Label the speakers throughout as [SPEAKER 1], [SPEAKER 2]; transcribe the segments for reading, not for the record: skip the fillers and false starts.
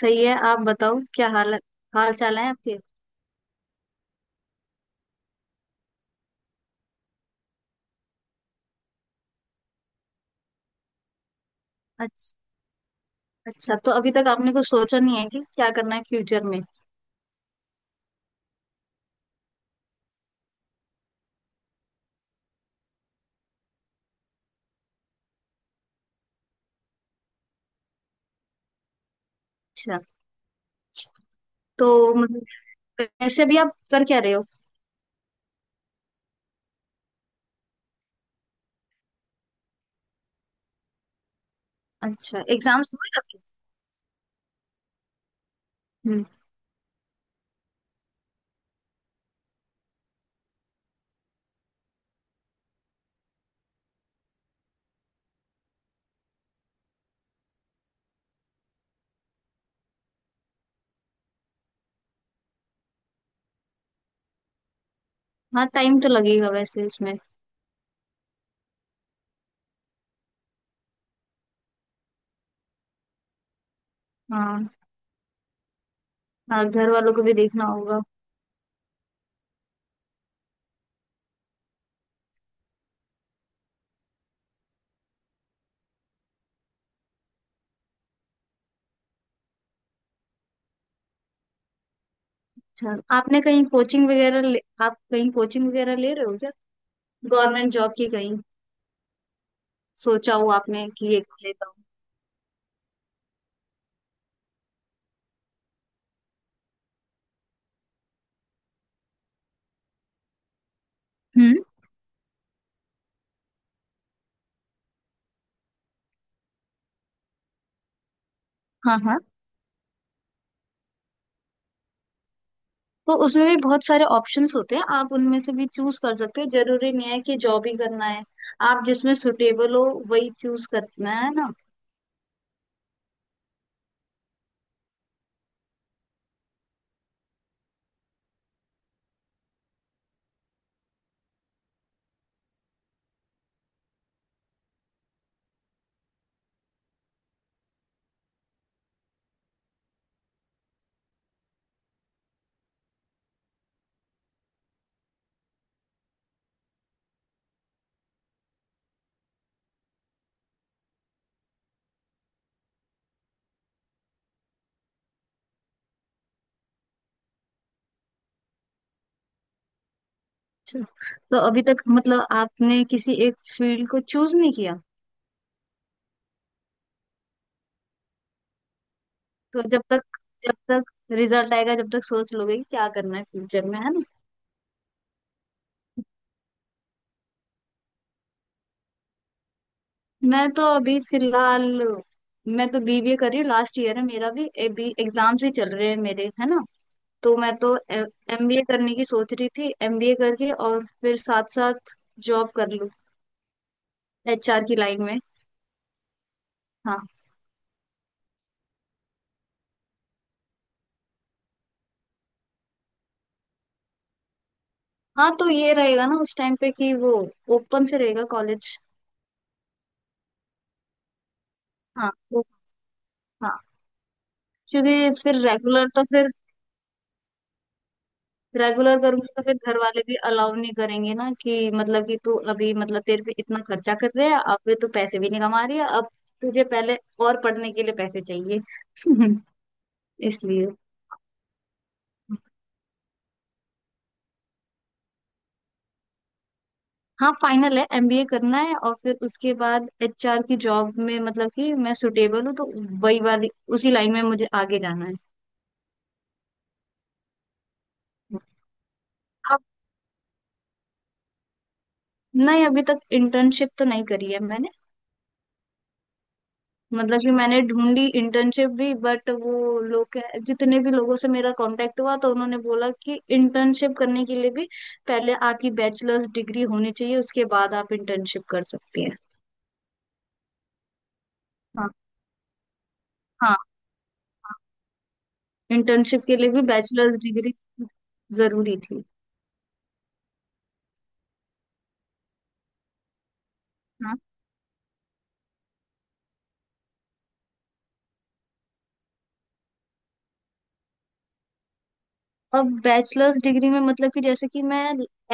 [SPEAKER 1] सही है, आप बताओ। क्या हाल, हाल चाल है आपके? अच्छा, अच्छा, तो अभी तक आपने कुछ सोचा नहीं है कि क्या करना है फ्यूचर में? अच्छा, तो मतलब, वैसे भी आप कर क्या रहे हो? अच्छा, एग्जाम्स हुए आपके? हम्म। हाँ, टाइम तो लगेगा वैसे इसमें। हाँ, हाँ, घर वालों को भी देखना होगा। अच्छा, आपने कहीं कोचिंग वगैरह ले, आप कहीं कोचिंग वगैरह ले रहे हो क्या? गवर्नमेंट जॉब की कहीं सोचा हो आपने कि ये कर लेता हूँ? हम्म। हाँ, हाँ, तो उसमें भी बहुत सारे ऑप्शंस होते हैं, आप उनमें से भी चूज कर सकते हो। जरूरी नहीं है कि जॉब ही करना है। आप जिसमें सुटेबल हो वही चूज करना है ना। अच्छा, तो अभी तक मतलब आपने किसी एक फील्ड को चूज नहीं किया? तो जब तक रिजल्ट आएगा, जब तक सोच लोगे कि क्या करना है फ्यूचर में, है ना? मैं तो अभी फिलहाल, मैं तो बीबीए कर रही हूँ। लास्ट ईयर है मेरा भी। एग्जाम्स ही चल रहे हैं मेरे, है ना? तो मैं तो एमबीए करने की सोच रही थी। एमबीए करके और फिर साथ साथ जॉब कर लूँ। एचआर की लाइन में। हाँ। हाँ, तो ये रहेगा ना उस टाइम पे कि वो ओपन से रहेगा कॉलेज। हाँ, वो, हाँ। क्योंकि फिर रेगुलर तो फिर, रेगुलर करूंगी तो फिर घर वाले भी अलाउ नहीं करेंगे ना, कि मतलब कि तू अभी, मतलब तेरे पे इतना खर्चा कर रहे हैं, अब फिर तू पैसे भी नहीं कमा रही है, अब तुझे पहले और पढ़ने के लिए पैसे चाहिए। इसलिए। हाँ, फाइनल है, एमबीए करना है और फिर उसके बाद एचआर की जॉब में, मतलब कि मैं सुटेबल हूँ, तो वही वाली, उसी लाइन में मुझे आगे जाना है। अब नहीं, अभी तक इंटर्नशिप तो नहीं करी है मैंने। मतलब कि मैंने ढूंढी इंटर्नशिप भी, बट वो जितने भी लोगों से मेरा कांटेक्ट हुआ तो उन्होंने बोला कि इंटर्नशिप करने के लिए भी पहले आपकी बैचलर्स डिग्री होनी चाहिए, उसके बाद आप इंटर्नशिप कर सकती हैं। हाँ, हाँ। इंटर्नशिप के लिए भी बैचलर्स डिग्री जरूरी थी। अब बैचलर्स डिग्री में, मतलब कि जैसे कि मैं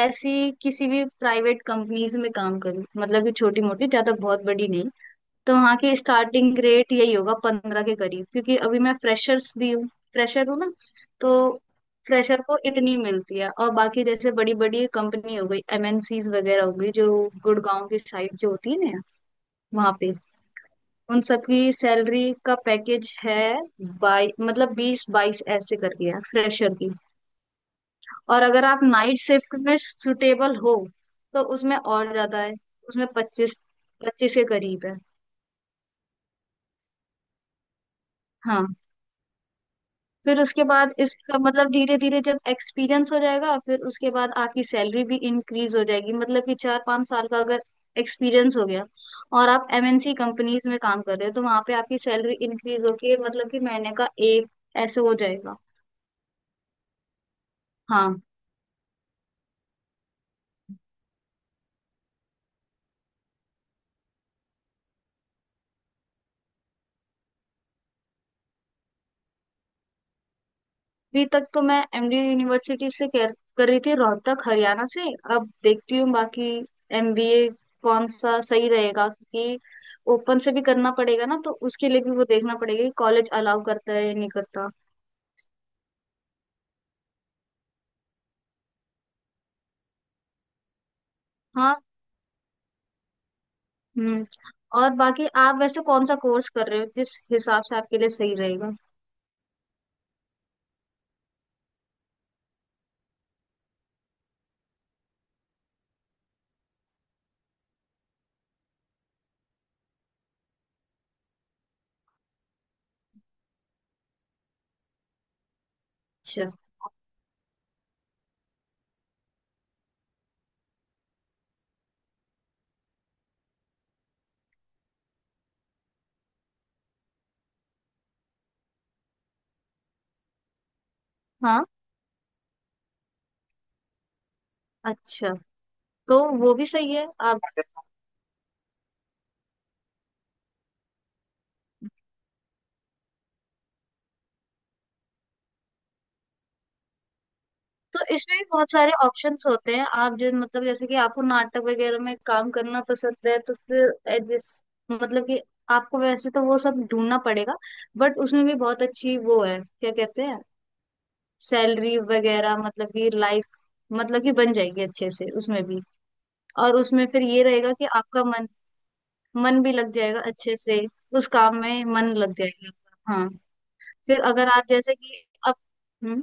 [SPEAKER 1] ऐसी किसी भी प्राइवेट कंपनीज में काम करूँ, मतलब कि छोटी मोटी, ज्यादा बहुत बड़ी नहीं, तो वहाँ की स्टार्टिंग रेट यही होगा 15 के करीब, क्योंकि अभी मैं फ्रेशर्स भी हूँ। फ्रेशर हूँ ना। तो फ्रेशर को इतनी मिलती है। और बाकी जैसे बड़ी बड़ी कंपनी हो गई, एमएनसीज वगैरह हो गई, जो गुड़गांव की साइड जो होती है ना, वहाँ पे उन सबकी सैलरी का पैकेज है बाई, मतलब 20-22 ऐसे करके, है फ्रेशर की। और अगर आप नाइट शिफ्ट में सुटेबल हो तो उसमें और ज्यादा है। उसमें 25, 25 के करीब है। हाँ, फिर उसके बाद, इसका मतलब धीरे धीरे जब एक्सपीरियंस हो जाएगा, फिर उसके बाद आपकी सैलरी भी इंक्रीज हो जाएगी, मतलब कि 4-5 साल का अगर एक्सपीरियंस हो गया और आप एमएनसी कंपनीज में काम कर रहे हो, तो वहां पे आपकी सैलरी इंक्रीज होके, मतलब कि महीने का एक ऐसे हो जाएगा। हाँ। अभी तक तो मैं एमडी यूनिवर्सिटी से कर रही थी, रोहतक हरियाणा से। अब देखती हूँ बाकी एमबीए कौन सा सही रहेगा, क्योंकि ओपन से भी करना पड़ेगा ना, तो उसके लिए भी वो देखना पड़ेगा कि कॉलेज अलाउ करता है या नहीं करता। हाँ। हम्म। और बाकी आप वैसे कौन सा कोर्स कर रहे हो, जिस हिसाब से आपके लिए सही रहेगा? अच्छा। हाँ, अच्छा, तो वो भी सही है आप। तो इसमें भी बहुत सारे ऑप्शंस होते हैं, आप जो, मतलब जैसे कि आपको नाटक वगैरह में काम करना पसंद है, तो फिर जिस, मतलब कि आपको वैसे तो वो सब ढूंढना पड़ेगा, बट उसमें भी बहुत अच्छी, वो है क्या कहते हैं, सैलरी वगैरह, मतलब कि लाइफ मतलब कि बन जाएगी अच्छे से उसमें भी। और उसमें फिर ये रहेगा कि आपका मन, मन भी लग जाएगा अच्छे से, उस काम में मन लग जाएगा आपका। हाँ। फिर अगर आप जैसे कि, अब, हम्म,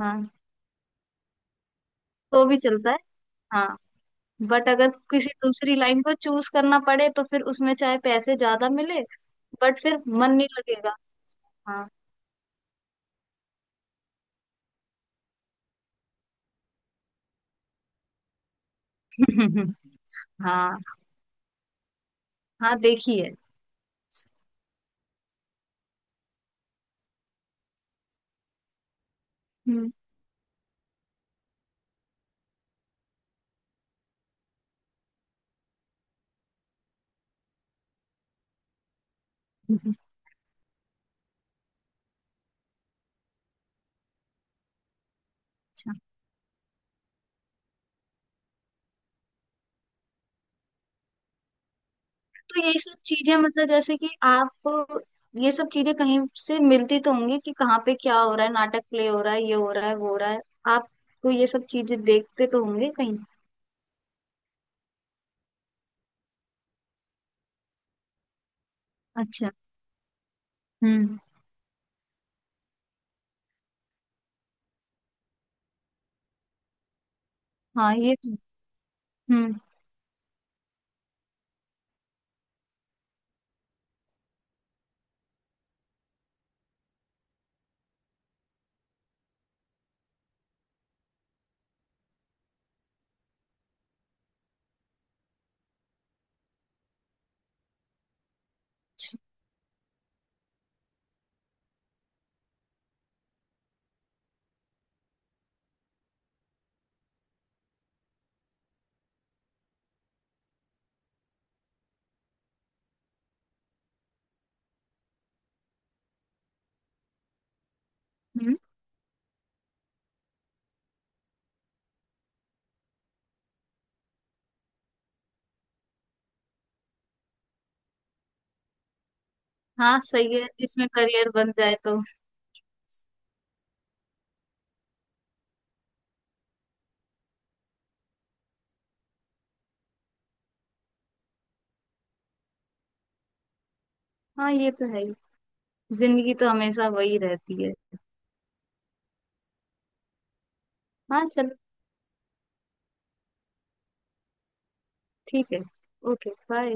[SPEAKER 1] हाँ, तो भी चलता है। हाँ, बट अगर किसी दूसरी लाइन को चूज करना पड़े तो फिर उसमें चाहे पैसे ज्यादा मिले, बट फिर मन नहीं लगेगा। हाँ। हाँ, हाँ देखी है। हम्म। अच्छा, तो यही सब चीजें, मतलब जैसे कि आप, ये सब चीजें कहीं से मिलती तो होंगी कि कहाँ पे क्या हो रहा है, नाटक प्ले हो रहा है, ये हो रहा है, वो हो रहा है। आपको ये सब चीजें देखते तो होंगे कहीं? अच्छा। हम्म। हाँ, ये तो। हम्म, हम्म। हाँ, सही है, इसमें करियर बन जाए तो। हाँ, ये तो है ही। जिंदगी तो हमेशा वही रहती है। हाँ चल, ठीक है। Okay, bye.